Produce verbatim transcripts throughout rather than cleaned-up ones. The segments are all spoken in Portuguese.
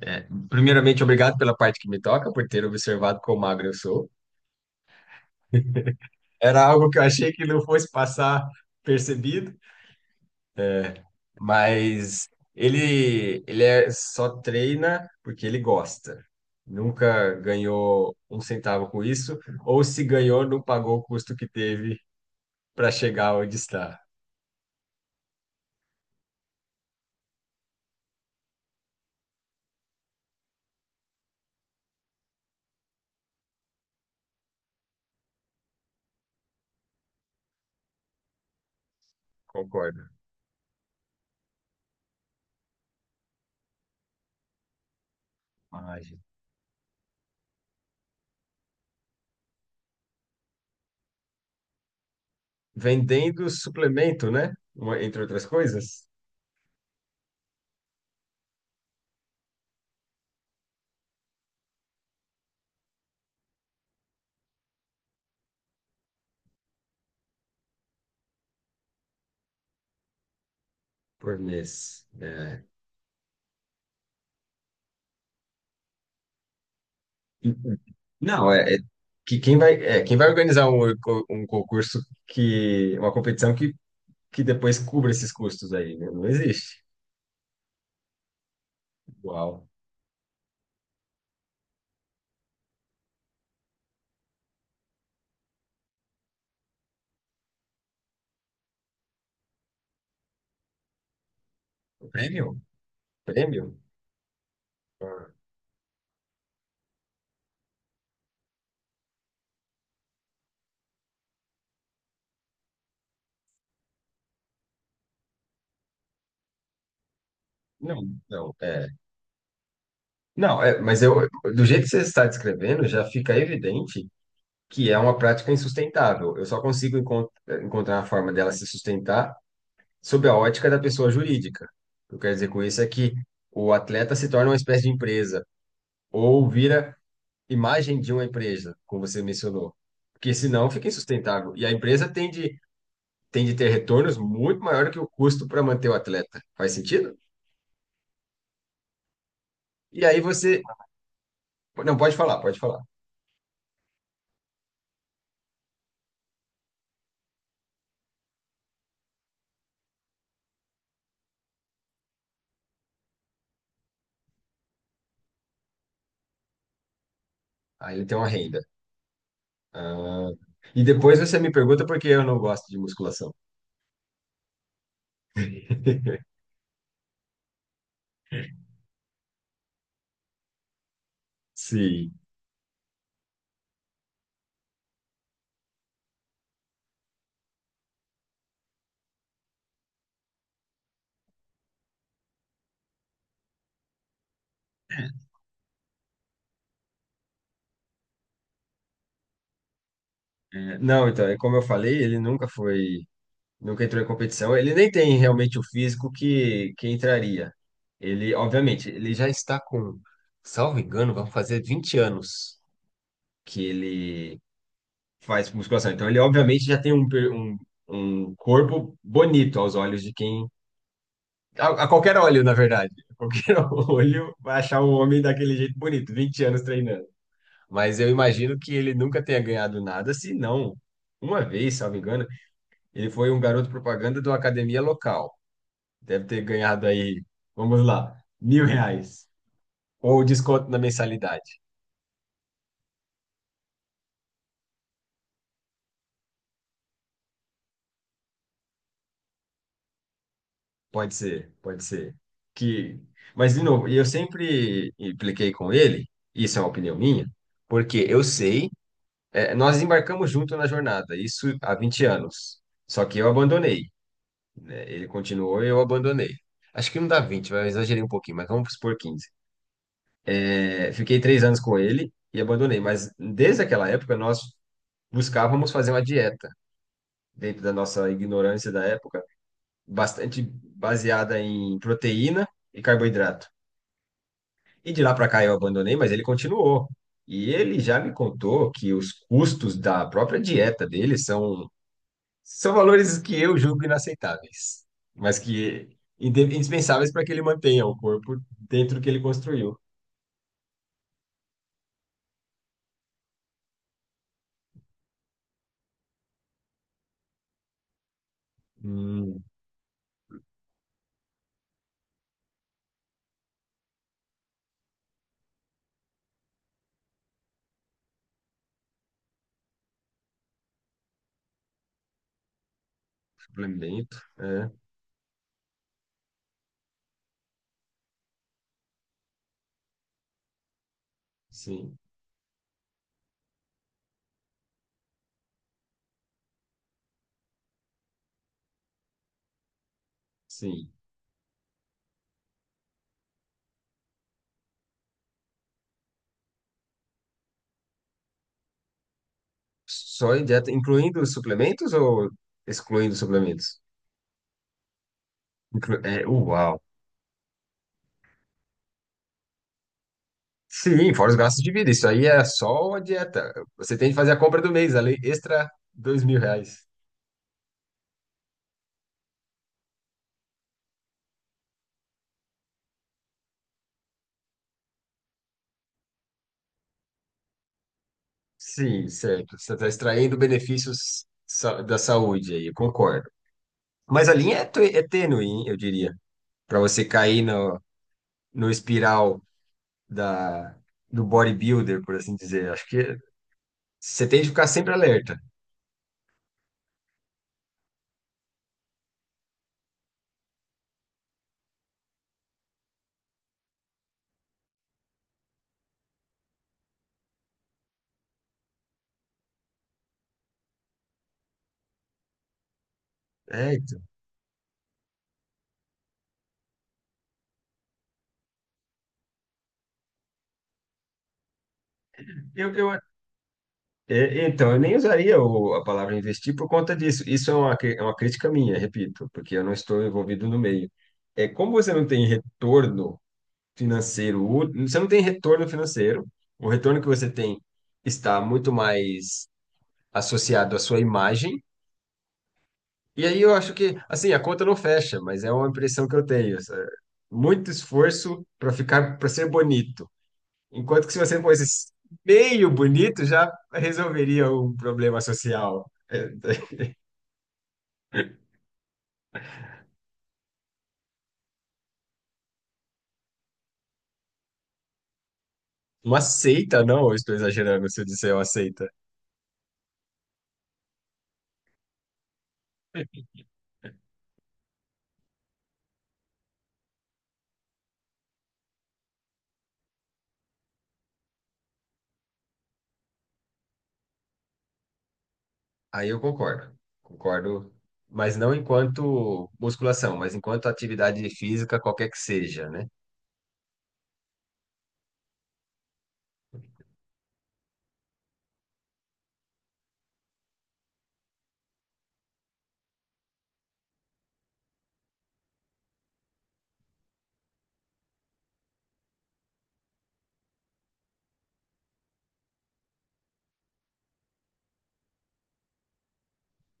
É, primeiramente, obrigado pela parte que me toca, por ter observado quão magro eu sou. Era algo que eu achei que não fosse passar percebido, é, mas ele, ele é, só treina porque ele gosta. Nunca ganhou um centavo com isso, ou se ganhou, não pagou o custo que teve para chegar onde está. Concordo. Imagem. Vendendo suplemento, né? Uma- entre outras coisas, por mês. É. Não, é, é que quem vai, é, quem vai organizar um, co- um concurso que, uma competição que, que depois cubra esses custos aí, né? Não existe. Uau. Prêmio? Prêmio? Ah, não, não, é. Não, é, mas eu, do jeito que você está descrevendo, já fica evidente que é uma prática insustentável. Eu só consigo encont- encontrar a forma dela se sustentar sob a ótica da pessoa jurídica. O que eu quero dizer com isso é que o atleta se torna uma espécie de empresa ou vira imagem de uma empresa, como você mencionou. Porque senão fica insustentável. E a empresa tem de, tem de ter retornos muito maior que o custo para manter o atleta. Faz sentido? E aí você. Não, pode falar, pode falar. Aí ele tem uma renda. Ah, e depois você me pergunta por que eu não gosto de musculação. Sim. É, não, então, é como eu falei, ele nunca foi. Nunca entrou em competição. Ele nem tem realmente o físico que, que entraria. Ele, obviamente, ele já está com, salvo engano, vão fazer vinte anos que ele faz musculação. Então, ele obviamente já tem um, per- um, um corpo bonito aos olhos de quem. A, a qualquer olho, na verdade. Qualquer olho vai achar um homem daquele jeito bonito, vinte anos treinando. Mas eu imagino que ele nunca tenha ganhado nada, se não. Uma vez, salvo engano, ele foi um garoto propaganda de uma academia local. Deve ter ganhado aí, vamos lá, mil reais. Ou desconto na mensalidade. Pode ser, pode ser. Que... Mas, de novo, eu sempre impliquei com ele, isso é uma opinião minha, porque eu sei, é, nós embarcamos junto na jornada, isso há vinte anos. Só que eu abandonei, né? Ele continuou e eu abandonei. Acho que não dá vinte, mas eu exagerei um pouquinho, mas vamos supor quinze. É, fiquei três anos com ele e abandonei, mas desde aquela época nós buscávamos fazer uma dieta dentro da nossa ignorância da época, bastante baseada em proteína e carboidrato. E de lá para cá eu abandonei, mas ele continuou. E ele já me contou que os custos da própria dieta dele são, são valores que eu julgo inaceitáveis, mas que inde- indispensáveis para que ele mantenha o corpo dentro do que ele construiu. Hum, suplemento, é, sim, sim. Só em dieta, incluindo os suplementos ou excluindo os suplementos? Inclu é, uau! Sim, fora os gastos de vida. Isso aí é só a dieta. Você tem que fazer a compra do mês, além extra dois mil reais. Sim, certo. Você está extraindo benefícios sa- da saúde aí, eu concordo. Mas a linha é, tê- é tênue, hein, eu diria, para você cair no, no, espiral da, do bodybuilder, por assim dizer. Acho que você tem que ficar sempre alerta. É, então. Eu, eu É, Então, eu nem usaria o- a palavra investir por conta disso. Isso é uma, cri- é uma crítica minha, repito, porque eu não estou envolvido no meio. É, como você não tem retorno financeiro, ú- você não tem retorno financeiro, o retorno que você tem está muito mais associado à sua imagem. E aí eu acho que, assim, a conta não fecha, mas é uma impressão que eu tenho. essa- Muito esforço para ficar, para ser bonito. Enquanto que se você fosse meio bonito, já resolveria um problema social. É, uma seita, não? Eu estou exagerando se eu disser uma seita. Aí eu concordo. Concordo, mas não enquanto musculação, mas enquanto atividade física, qualquer que seja, né?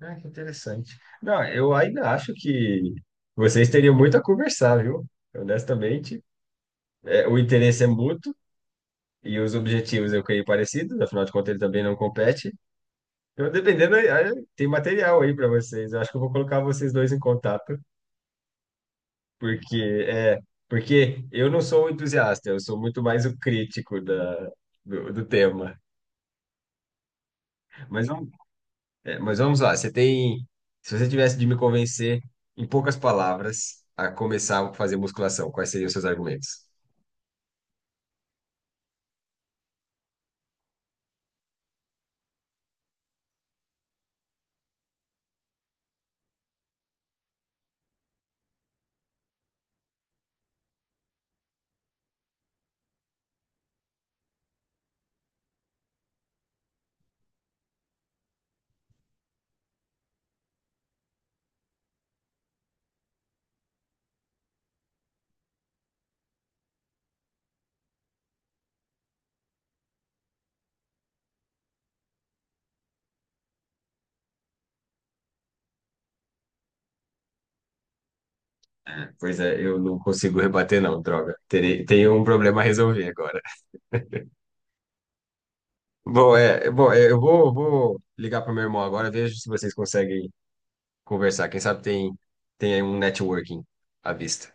Ah, que interessante. Não, eu ainda acho que vocês teriam muito a conversar, viu? Honestamente, é, o interesse é mútuo e os objetivos eu creio parecidos, afinal de contas ele também não compete. Eu, dependendo, aí- aí tem material aí para vocês. Eu acho que eu vou colocar vocês dois em contato, porque é, porque eu não sou o entusiasta, eu sou muito mais o crítico da, do, do tema. Mas, vamos- é, mas vamos lá, você tem, se você tivesse de me convencer em poucas palavras a começar a fazer musculação, quais seriam os seus argumentos? É, Pois é, eu não consigo rebater não, droga. Terei, tenho um problema a resolver agora. Bom, é, bom, é, eu vou, vou ligar para meu irmão agora, vejo se vocês conseguem conversar. Quem sabe tem, tem aí um networking à vista.